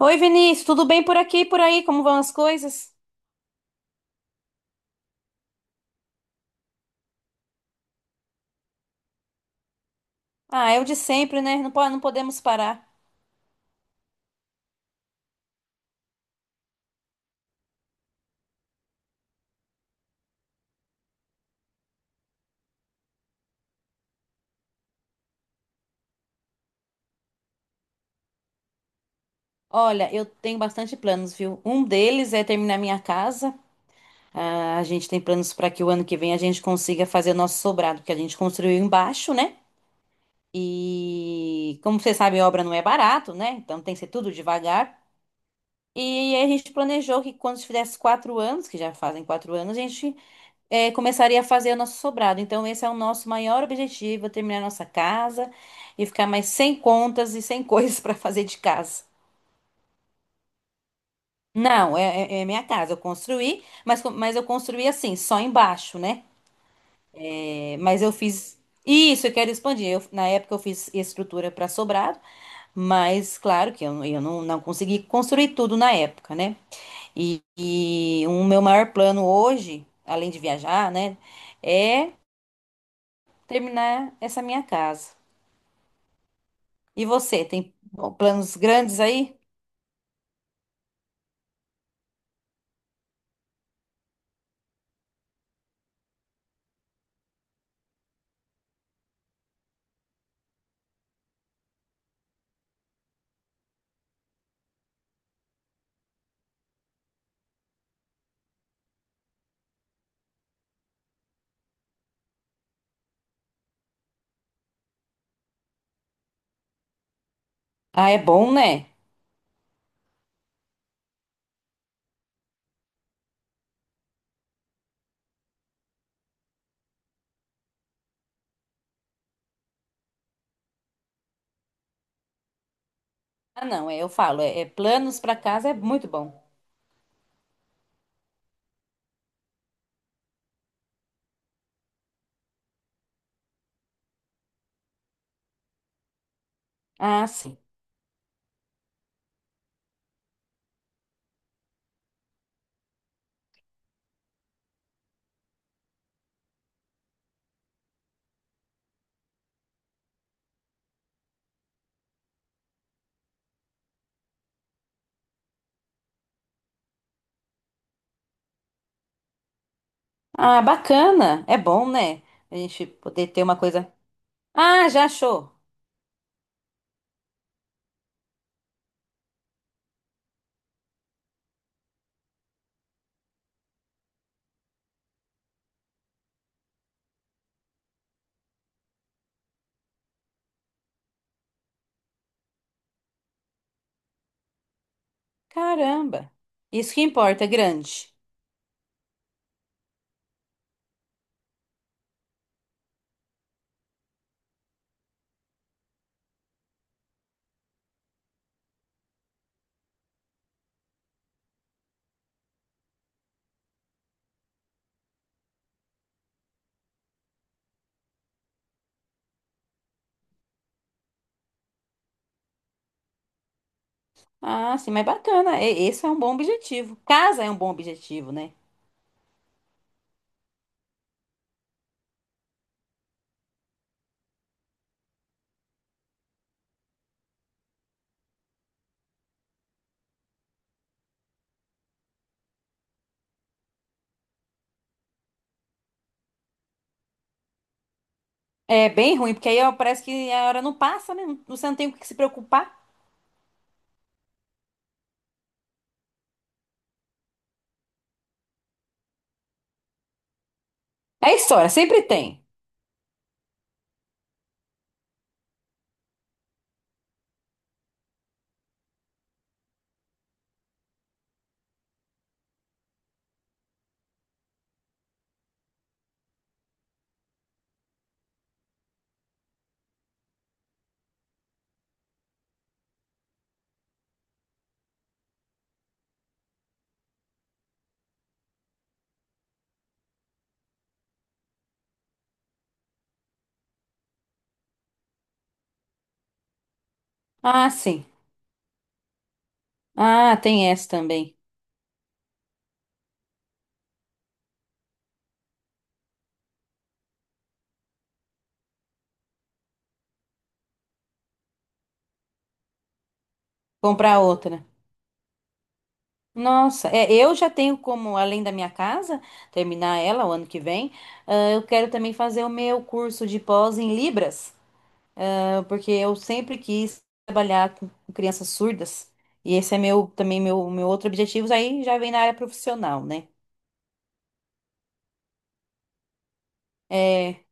Oi, Vinícius, tudo bem por aqui e por aí? Como vão as coisas? Ah, é o de sempre, né? Não, não podemos parar. Olha, eu tenho bastante planos, viu? Um deles é terminar minha casa. Ah, a gente tem planos para que o ano que vem a gente consiga fazer o nosso sobrado, que a gente construiu embaixo, né? E como você sabe, obra não é barato, né? Então tem que ser tudo devagar. E aí a gente planejou que quando tivesse quatro anos, que já fazem quatro anos, a gente começaria a fazer o nosso sobrado. Então, esse é o nosso maior objetivo, é terminar nossa casa e ficar mais sem contas e sem coisas para fazer de casa. Não, é minha casa. Eu construí, mas, mas eu construí assim, só embaixo, né? É, mas eu fiz. Isso, eu quero expandir. Na época eu fiz estrutura para sobrado, mas claro que eu não consegui construir tudo na época, né? E o meu maior plano hoje, além de viajar, né, é terminar essa minha casa. E você, tem planos grandes aí? Ah, é bom, né? Ah, não, eu falo, é planos para casa é muito bom. Ah, sim. Ah, bacana, é bom, né? A gente poder ter uma coisa. Ah, já achou? Caramba, isso que importa, é grande. Ah, sim, mas bacana, é, esse é um bom objetivo. Casa é um bom objetivo, né? É bem ruim, porque aí ó, parece que a hora não passa, né? Você não tem com o que se preocupar. É história, sempre tem. Ah, sim. Ah, tem essa também. Comprar outra. Nossa, é, eu já tenho como, além da minha casa, terminar ela o ano que vem, ah, eu quero também fazer o meu curso de pós em Libras, ah, porque eu sempre quis trabalhar com crianças surdas, e esse é meu também meu outro objetivo, aí já vem na área profissional, né? É,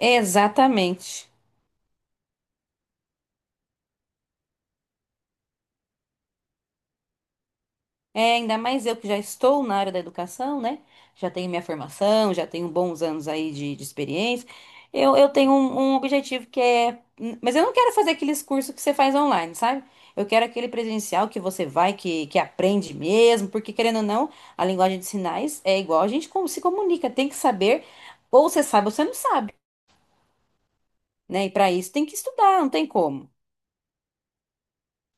exatamente. É, ainda mais eu que já estou na área da educação, né? Já tenho minha formação, já tenho bons anos aí de experiência. Eu tenho um, um objetivo que é. Mas eu não quero fazer aqueles cursos que você faz online, sabe? Eu quero aquele presencial que você vai, que aprende mesmo, porque querendo ou não, a linguagem de sinais é igual a gente como se comunica, tem que saber, ou você sabe ou você não sabe, né? E para isso tem que estudar, não tem como.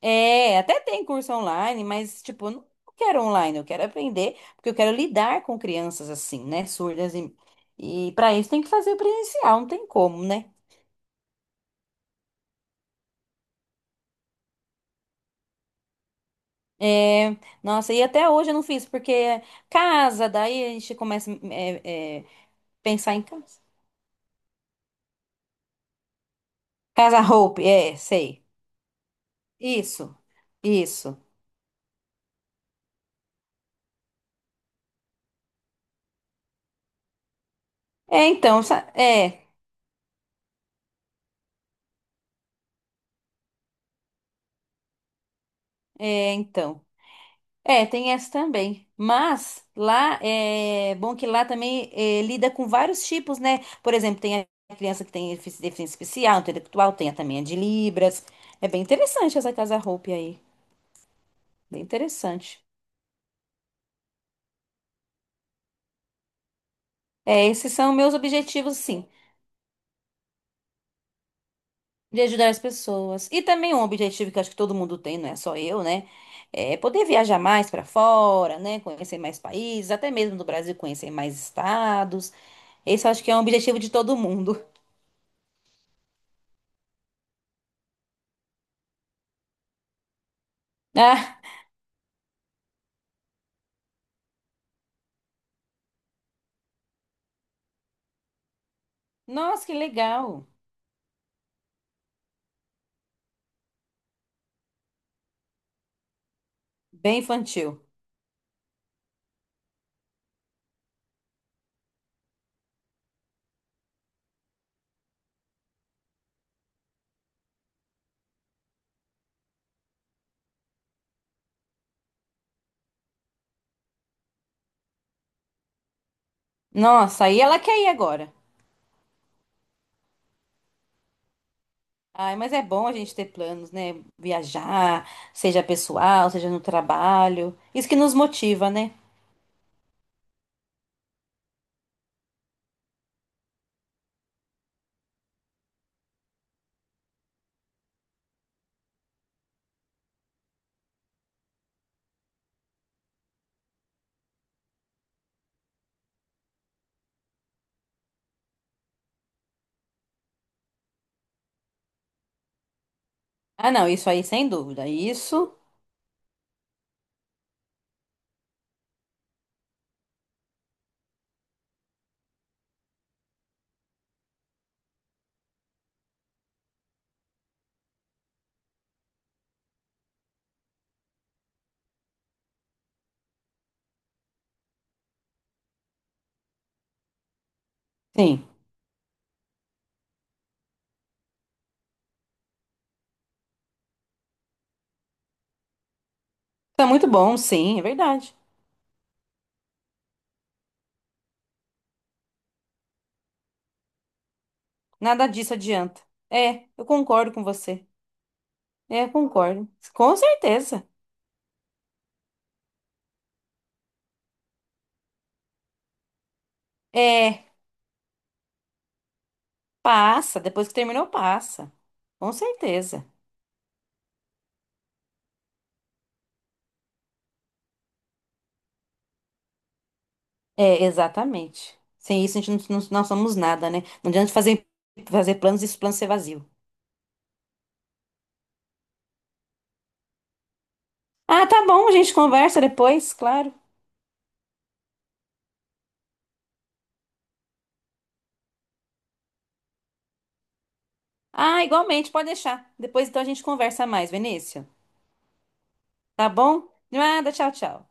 É, até tem curso online, mas, tipo, eu não quero online, eu quero aprender, porque eu quero lidar com crianças assim, né, surdas e para isso tem que fazer presencial, não tem como, né? É, nossa, e até hoje eu não fiz, porque casa, daí a gente começa pensar em casa. Casa roupa, é, sei. Isso, isso. É, então, sa- é, é, então. É, tem essa também. Mas lá é bom que lá também é, lida com vários tipos, né? Por exemplo, tem a criança que tem deficiência especial, intelectual, tem a também a de Libras. É bem interessante essa Casa Hope aí. Bem interessante. É, esses são meus objetivos, sim, de ajudar as pessoas. E também um objetivo que eu acho que todo mundo tem, não é só eu, né? É poder viajar mais para fora, né? Conhecer mais países, até mesmo do Brasil conhecer mais estados. Esse eu acho que é um objetivo de todo mundo. Nossa, que legal. Bem infantil. Nossa, aí ela quer ir agora. Ai, mas é bom a gente ter planos, né? Viajar, seja pessoal, seja no trabalho. Isso que nos motiva, né? Ah, não, isso aí sem dúvida. Isso, sim. Tá muito bom, sim, é verdade. Nada disso adianta. É, eu concordo com você. É, eu concordo. Com certeza. É, passa, depois que terminou, passa. Com certeza. É, exatamente. Sem isso a gente não somos nada, né? Não adianta fazer, fazer planos e esse plano ser vazio. Ah, tá bom, a gente conversa depois, claro. Ah, igualmente, pode deixar. Depois então a gente conversa mais, Venícia. Tá bom? De nada, tchau, tchau.